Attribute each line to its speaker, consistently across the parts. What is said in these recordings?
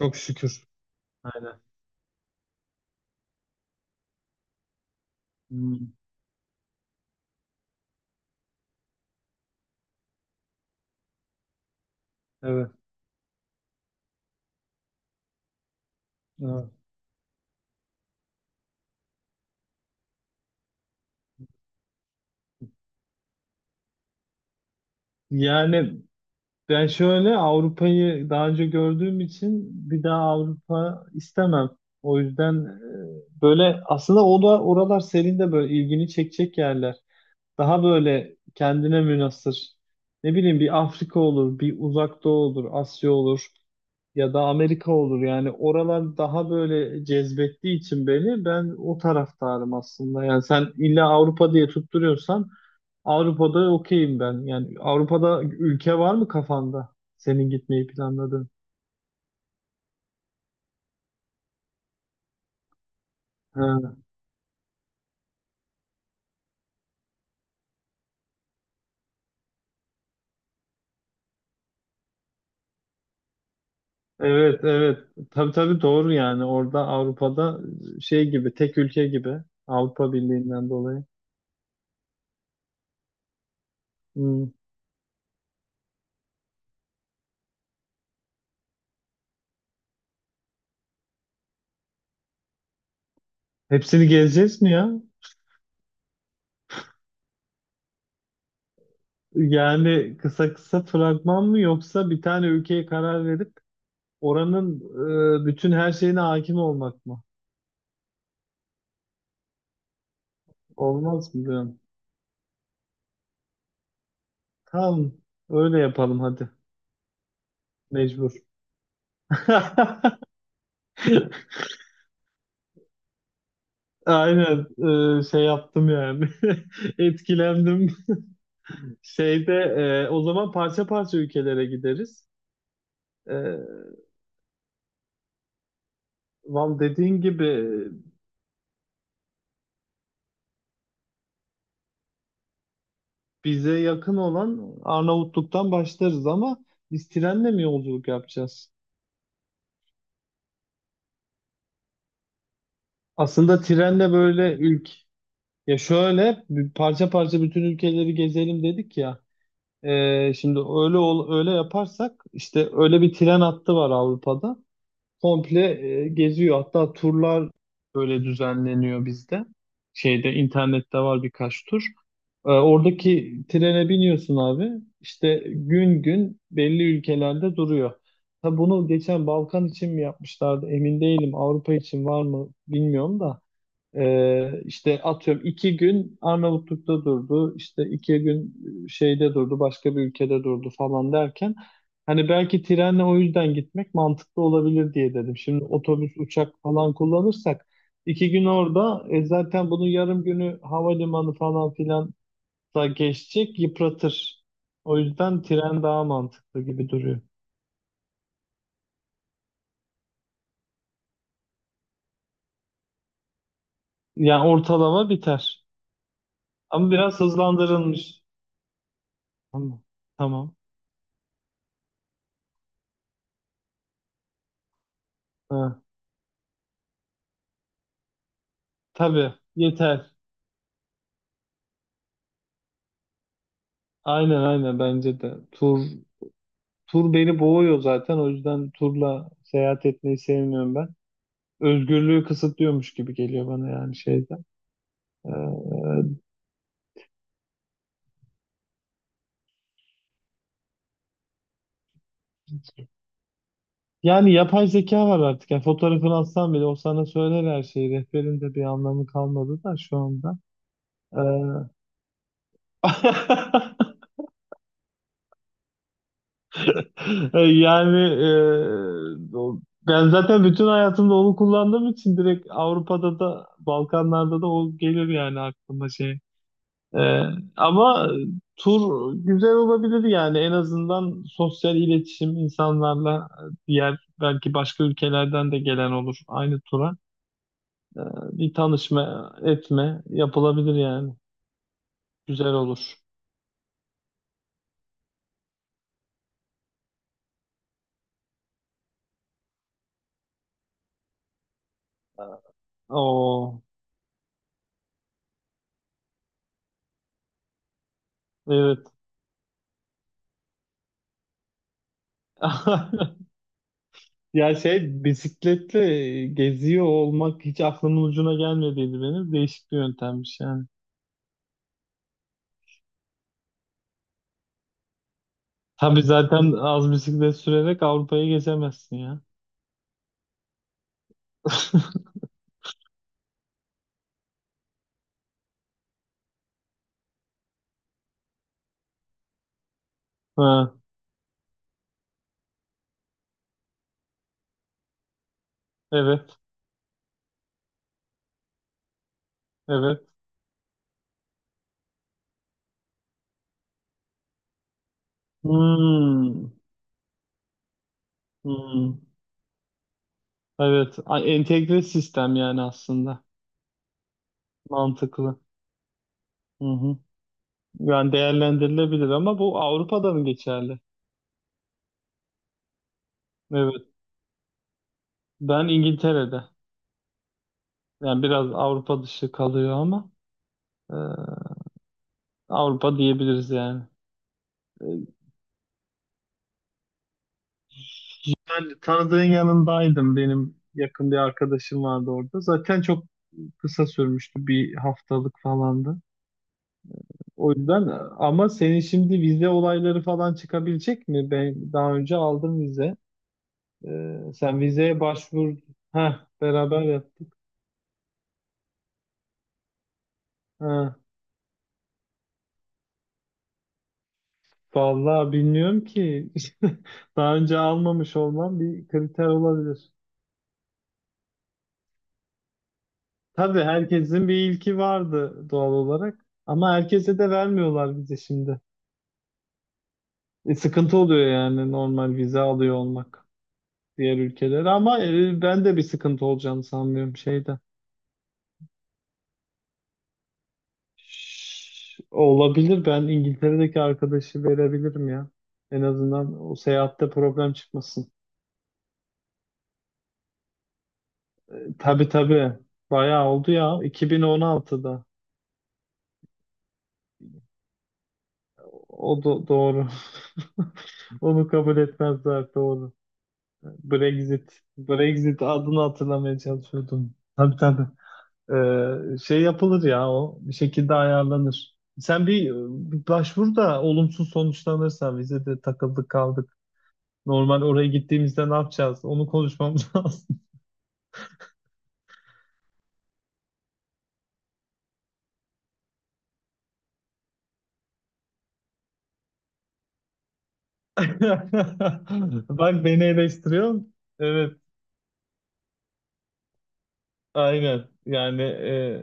Speaker 1: Çok şükür. Aynen. Hmm. Evet. Evet. Yani Ben şöyle Avrupa'yı daha önce gördüğüm için bir daha Avrupa istemem. O yüzden böyle aslında o da oralar senin de böyle ilgini çekecek yerler. Daha böyle kendine münhasır. Ne bileyim bir Afrika olur, bir Uzak Doğu olur, Asya olur ya da Amerika olur. Yani oralar daha böyle cezbettiği için beni, ben o taraftarım aslında. Yani sen illa Avrupa diye tutturuyorsan Avrupa'da okeyim ben. Yani Avrupa'da ülke var mı kafanda? Senin gitmeyi planladığın. Ha, evet, evet. Tabii, tabii, doğru yani. Orada Avrupa'da şey gibi, tek ülke gibi. Avrupa Birliği'nden dolayı. Hmm. Hepsini gezeceğiz mi ya? Yani kısa kısa fragman mı, yoksa bir tane ülkeye karar verip oranın bütün her şeyine hakim olmak mı? Olmaz mı diyorum. Tamam, öyle yapalım hadi. Mecbur. Aynen, şey yaptım yani. Etkilendim. Şeyde, o zaman parça parça ülkelere gideriz. E, Val dediğin gibi bize yakın olan Arnavutluk'tan başlarız ama biz trenle mi yolculuk yapacağız? Aslında trenle böyle ya şöyle bir parça parça bütün ülkeleri gezelim dedik ya. Şimdi öyle yaparsak işte, öyle bir tren hattı var Avrupa'da. Komple geziyor. Hatta turlar böyle düzenleniyor bizde. Şeyde, internette var birkaç tur. Oradaki trene biniyorsun abi. İşte gün gün belli ülkelerde duruyor. Tabi bunu geçen Balkan için mi yapmışlardı emin değilim. Avrupa için var mı bilmiyorum da. İşte atıyorum 2 gün Arnavutluk'ta durdu, işte 2 gün şeyde durdu, başka bir ülkede durdu falan derken, hani belki trenle o yüzden gitmek mantıklı olabilir diye dedim. Şimdi otobüs, uçak falan kullanırsak 2 gün orada zaten bunun yarım günü havalimanı falan filan da geçecek, yıpratır. O yüzden tren daha mantıklı gibi duruyor. Yani ortalama biter. Ama biraz hızlandırılmış. Tamam. Tamam. Ha, tabii, yeter. Aynen, aynen bence de. Tur beni boğuyor zaten. O yüzden turla seyahat etmeyi sevmiyorum ben. Özgürlüğü kısıtlıyormuş gibi geliyor bana yani şeyden. Ee, Yani yapay zeka var artık. Yani fotoğrafını atsan bile o sana söyler her şeyi. Rehberin de bir anlamı kalmadı da şu anda. Ee, yani e, o- Ben zaten bütün hayatımda onu kullandığım için direkt Avrupa'da da Balkanlarda da o gelir yani aklıma şey. Ee, Ama tur güzel olabilir yani, en azından sosyal iletişim insanlarla, diğer belki başka ülkelerden de gelen olur aynı tura. Ee, Bir tanışma etme yapılabilir yani. Güzel olur. Oo, evet. Ya şey, bisikletle geziyor olmak hiç aklımın ucuna gelmediydi benim. Değişik bir yöntemmiş yani. Tabii, zaten az bisiklet sürerek Avrupa'ya geçemezsin ya. Ha, evet. Evet. Hmm. Hmm. Evet. Entegre sistem yani aslında. Mantıklı. Hı hı. Yani değerlendirilebilir ama bu Avrupa'da mı geçerli? Evet. Ben İngiltere'de. Yani biraz Avrupa dışı kalıyor ama e, Avrupa diyebiliriz yani. E, Ben tanıdığın yanındaydım. Benim yakın bir arkadaşım vardı orada. Zaten çok kısa sürmüştü. Bir haftalık falandı. O yüzden, ama senin şimdi vize olayları falan çıkabilecek mi? Ben daha önce aldım vize. Sen vizeye başvur. Ha, beraber yaptık. Ha. Vallahi bilmiyorum ki. Daha önce almamış olmam bir kriter olabilir. Tabii, herkesin bir ilki vardı doğal olarak. Ama herkese de vermiyorlar vize şimdi. Sıkıntı oluyor yani normal vize alıyor olmak diğer ülkelere. Ama ben de bir sıkıntı olacağını sanmıyorum şeyde. Olabilir. Ben İngiltere'deki arkadaşı verebilirim ya. En azından o seyahatte problem çıkmasın. Tabii, tabii. Bayağı oldu ya. 2016'da. Doğru. Onu kabul etmezler. Doğru. Brexit. Brexit adını hatırlamaya çalışıyordum. Tabii, tabii. Şey yapılır ya o. Bir şekilde ayarlanır. Sen bir başvur da olumsuz sonuçlanırsa vize de takıldı kaldı. Normal oraya gittiğimizde ne yapacağız? Onu konuşmamız lazım. Bak, beni eleştiriyorsun. Evet, aynen. Yani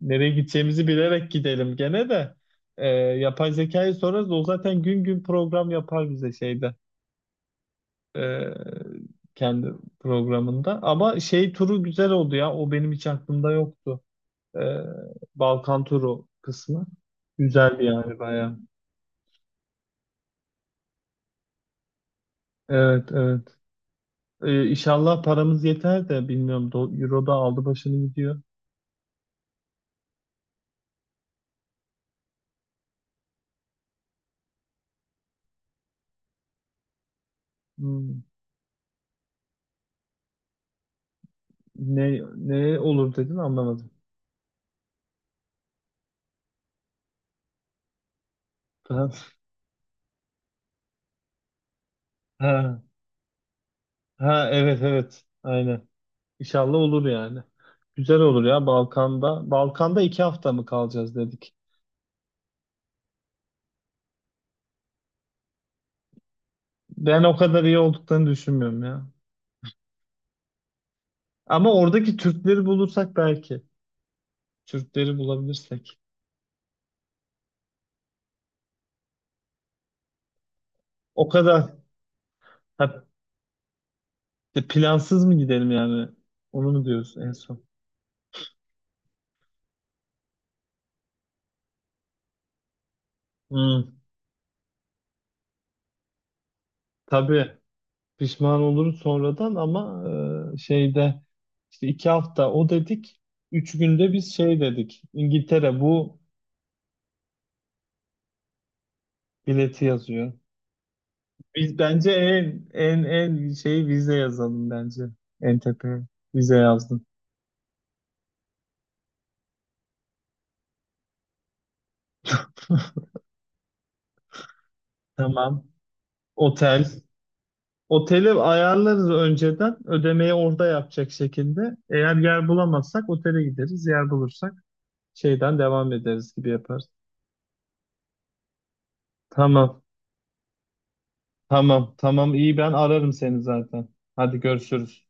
Speaker 1: nereye gideceğimizi bilerek gidelim gene de. Yapay zekayı sorarız. O zaten gün gün program yapar bize şeyde. E, Kendi programında. Ama şey, turu güzel oldu ya. O benim hiç aklımda yoktu. E, Balkan turu kısmı. Güzeldi yani bayağı. Evet, evet. İnşallah paramız yeter de bilmiyorum. Euro da aldı başını gidiyor. Hmm. Ne olur dedin anlamadım. Ha, ha, ha, evet, evet. Aynen. İnşallah olur yani. Güzel olur ya Balkan'da. Balkan'da 2 hafta mı kalacağız dedik. Ben o kadar iyi olduklarını düşünmüyorum ya. Ama oradaki Türkleri bulursak belki. Türkleri bulabilirsek. O kadar. Ha, plansız mı gidelim yani? Onu mu diyorsun en son? Hmm, tabii. Pişman olurum sonradan ama şeyde, işte 2 hafta o dedik. 3 günde biz şey dedik. İngiltere bu bileti yazıyor. Biz bence en şeyi vize yazalım bence. En tepeye vize yazdım. Tamam. Otel. Oteli ayarlarız önceden. Ödemeyi orada yapacak şekilde. Eğer yer bulamazsak otele gideriz. Yer bulursak şeyden devam ederiz gibi yaparız. Tamam. Tamam, tamam, iyi, ben ararım seni zaten. Hadi, görüşürüz.